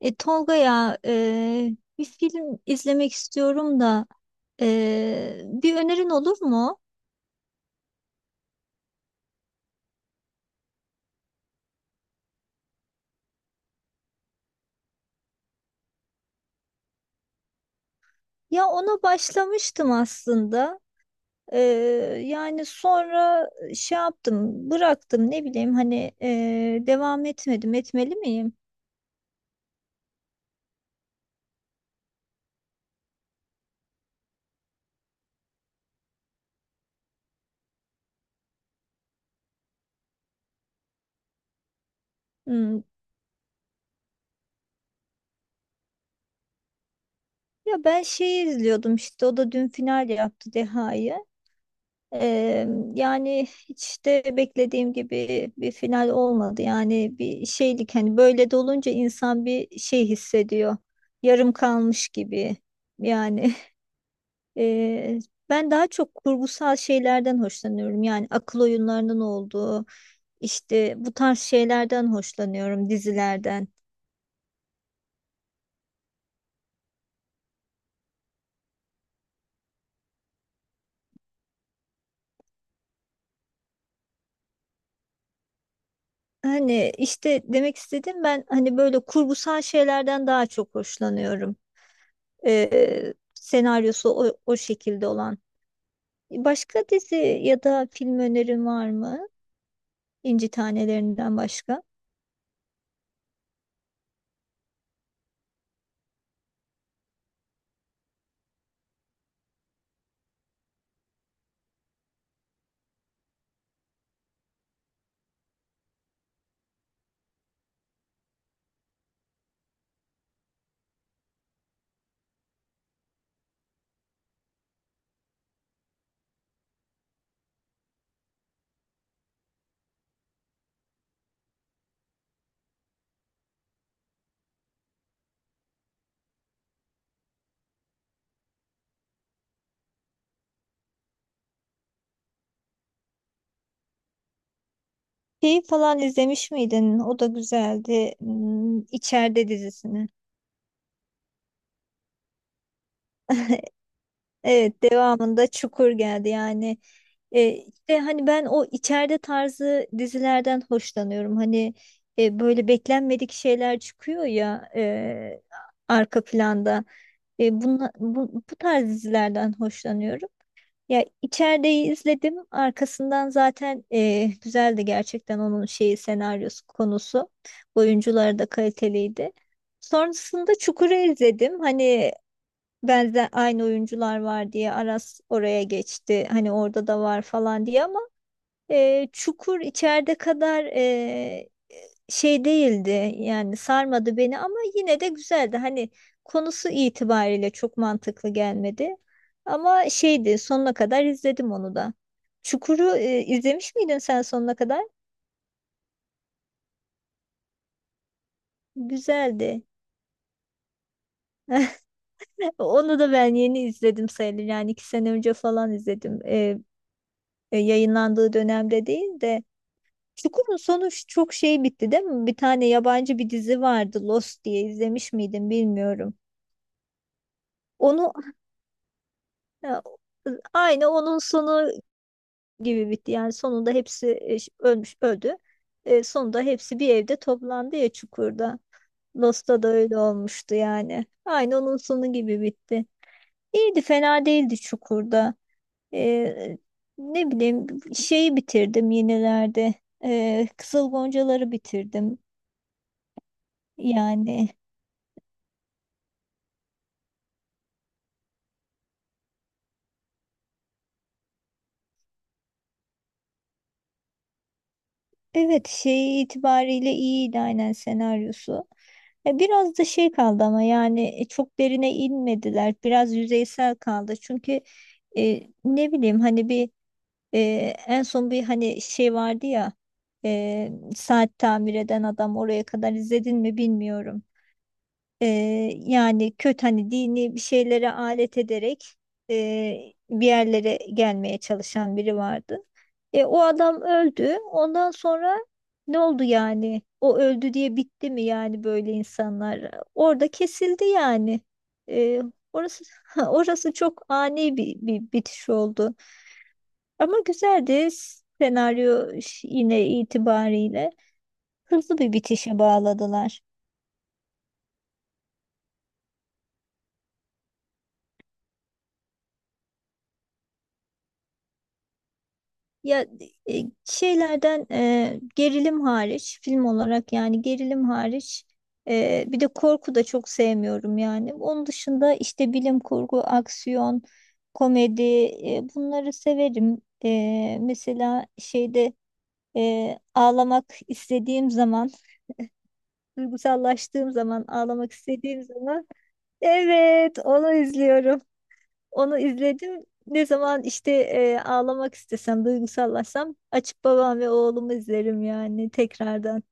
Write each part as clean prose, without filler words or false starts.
Tolga ya, bir film izlemek istiyorum da bir önerin olur mu? Ya ona başlamıştım aslında. E, yani sonra şey yaptım, bıraktım ne bileyim hani, devam etmedim. Etmeli miyim? Hmm. Ya ben şeyi izliyordum işte o da dün final yaptı Deha'yı. Eee, Yani hiç de beklediğim gibi bir final olmadı. Yani bir şeylik hani böyle de olunca insan bir şey hissediyor. Yarım kalmış gibi. Yani eee, ben daha çok kurgusal şeylerden hoşlanıyorum. Yani akıl oyunlarının olduğu işte bu tarz şeylerden hoşlanıyorum dizilerden. Hani işte demek istediğim ben hani böyle kurgusal şeylerden daha çok hoşlanıyorum. Senaryosu o şekilde olan. Başka dizi ya da film önerin var mı? İnci Tanelerinden başka. Şeyi falan izlemiş miydin? O da güzeldi. Hmm, İçeride dizisini. Evet, devamında Çukur geldi. Yani işte hani ben o içeride tarzı dizilerden hoşlanıyorum. Hani böyle beklenmedik şeyler çıkıyor ya, arka planda. Bu tarz dizilerden hoşlanıyorum. Ya içerideyi izledim. Arkasından zaten güzeldi gerçekten onun şeyi senaryosu konusu. Oyuncuları da kaliteliydi. Sonrasında Çukur'u izledim. Hani benzer aynı oyuncular var diye Aras oraya geçti. Hani orada da var falan diye ama Çukur içeride kadar şey değildi yani sarmadı beni ama yine de güzeldi. Hani konusu itibariyle çok mantıklı gelmedi. Ama şeydi sonuna kadar izledim onu da. Çukur'u izlemiş miydin sen sonuna kadar? Güzeldi. Onu da ben yeni izledim sayılır. Yani iki sene önce falan izledim. Yayınlandığı dönemde değil de. Çukur'un sonu çok şey bitti değil mi? Bir tane yabancı bir dizi vardı Lost diye izlemiş miydin bilmiyorum. Onu ya, aynı onun sonu gibi bitti. Yani sonunda hepsi ölmüş öldü. Sonunda hepsi bir evde toplandı ya çukurda. Lost'ta da öyle olmuştu yani. Aynı onun sonu gibi bitti. İyiydi fena değildi çukurda. E, Ne bileyim şeyi bitirdim yenilerde. Kızıl Goncaları bitirdim. Yani evet şey itibariyle iyiydi aynen senaryosu. Biraz da şey kaldı ama yani çok derine inmediler. Biraz yüzeysel kaldı. Çünkü ne bileyim hani bir e, en son bir hani şey vardı ya, saat tamir eden adam oraya kadar izledin mi bilmiyorum. Ee, Yani kötü hani dini bir şeylere alet ederek bir yerlere gelmeye çalışan biri vardı. O adam öldü. Ondan sonra ne oldu yani? O öldü diye bitti mi yani böyle insanlar? Orada kesildi yani. E, Orası orası çok ani bir bitiş oldu. Ama güzeldi senaryo yine itibariyle. Hızlı bir bitişe bağladılar. Ya Şeylerden gerilim hariç film olarak yani gerilim hariç bir de korku da çok sevmiyorum yani. Onun dışında işte bilim kurgu, aksiyon, komedi, bunları severim. Mesela şeyde, ağlamak istediğim zaman, duygusallaştığım zaman, ağlamak istediğim zaman evet onu izliyorum. Onu izledim. Ne zaman işte ağlamak istesem, duygusallaşsam açıp babam ve oğlumu izlerim yani tekrardan.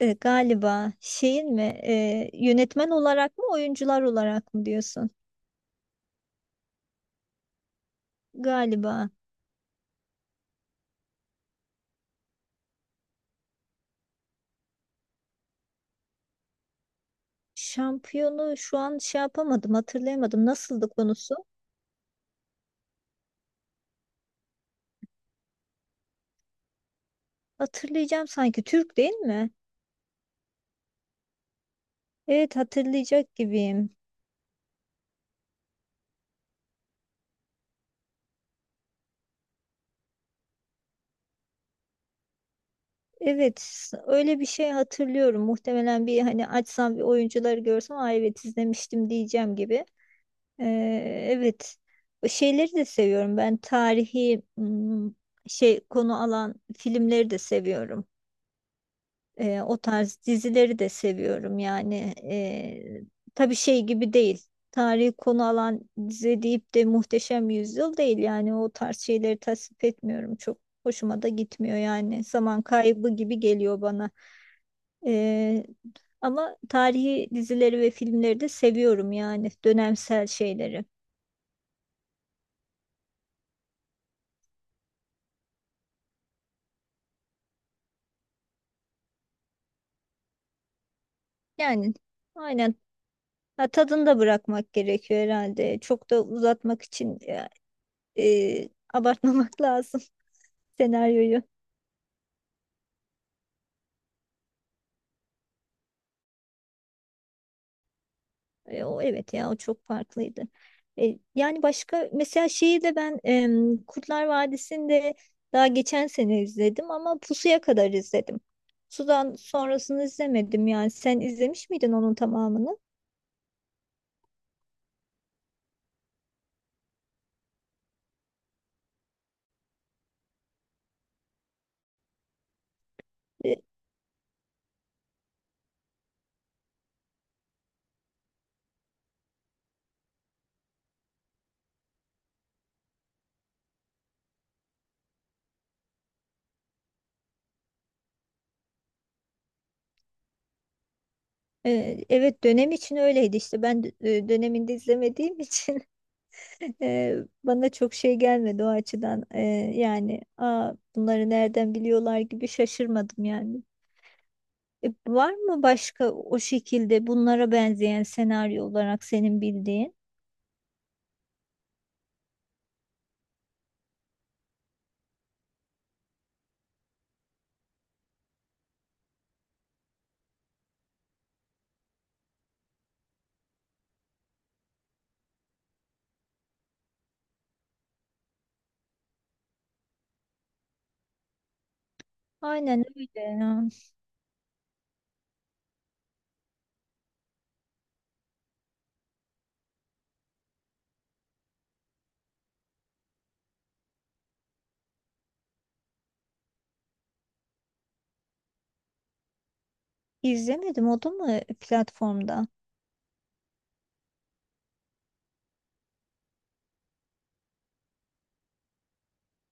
Galiba şeyin mi, yönetmen olarak mı oyuncular olarak mı diyorsun? Galiba. Şampiyonu şu an şey yapamadım, hatırlayamadım. Nasıldı konusu? Hatırlayacağım sanki. Türk değil mi? Evet hatırlayacak gibiyim. Evet öyle bir şey hatırlıyorum. Muhtemelen bir hani açsam bir oyuncuları görsem "Aa, evet izlemiştim diyeceğim gibi. Evet. Şeyleri de seviyorum. Ben tarihi şey konu alan filmleri de seviyorum. O tarz dizileri de seviyorum. Yani tabii şey gibi değil. Tarihi konu alan dizi deyip de Muhteşem Yüzyıl değil. Yani o tarz şeyleri tasvip etmiyorum. Çok hoşuma da gitmiyor yani. Zaman kaybı gibi geliyor bana. Ee, Ama tarihi dizileri ve filmleri de seviyorum yani dönemsel şeyleri. Yani aynen ha, tadını da bırakmak gerekiyor herhalde. Çok da uzatmak için abartmamak lazım senaryoyu. O evet ya o çok farklıydı. Yani başka mesela şeyi de ben Kurtlar Vadisi'nde daha geçen sene izledim ama Pusu'ya kadar izledim. Sudan sonrasını izlemedim yani. Sen izlemiş miydin onun tamamını? E, Evet dönem için öyleydi işte ben döneminde izlemediğim için e, bana çok şey gelmedi o açıdan. Yani aa bunları nereden biliyorlar gibi şaşırmadım yani. Var mı başka o şekilde bunlara benzeyen senaryo olarak senin bildiğin? Aynen öyle, ya. İzlemedim o da mı platformda?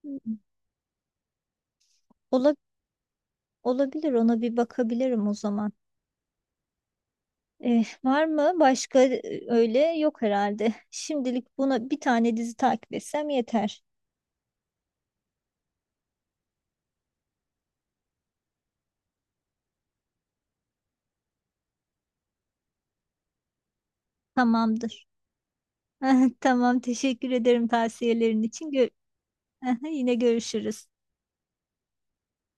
Hmm. Ola, olabilir ona bir bakabilirim o zaman. Var mı başka öyle? Yok herhalde. Şimdilik buna bir tane dizi takip etsem yeter. Tamamdır. Tamam teşekkür ederim tavsiyelerin için. Gö- Yine görüşürüz.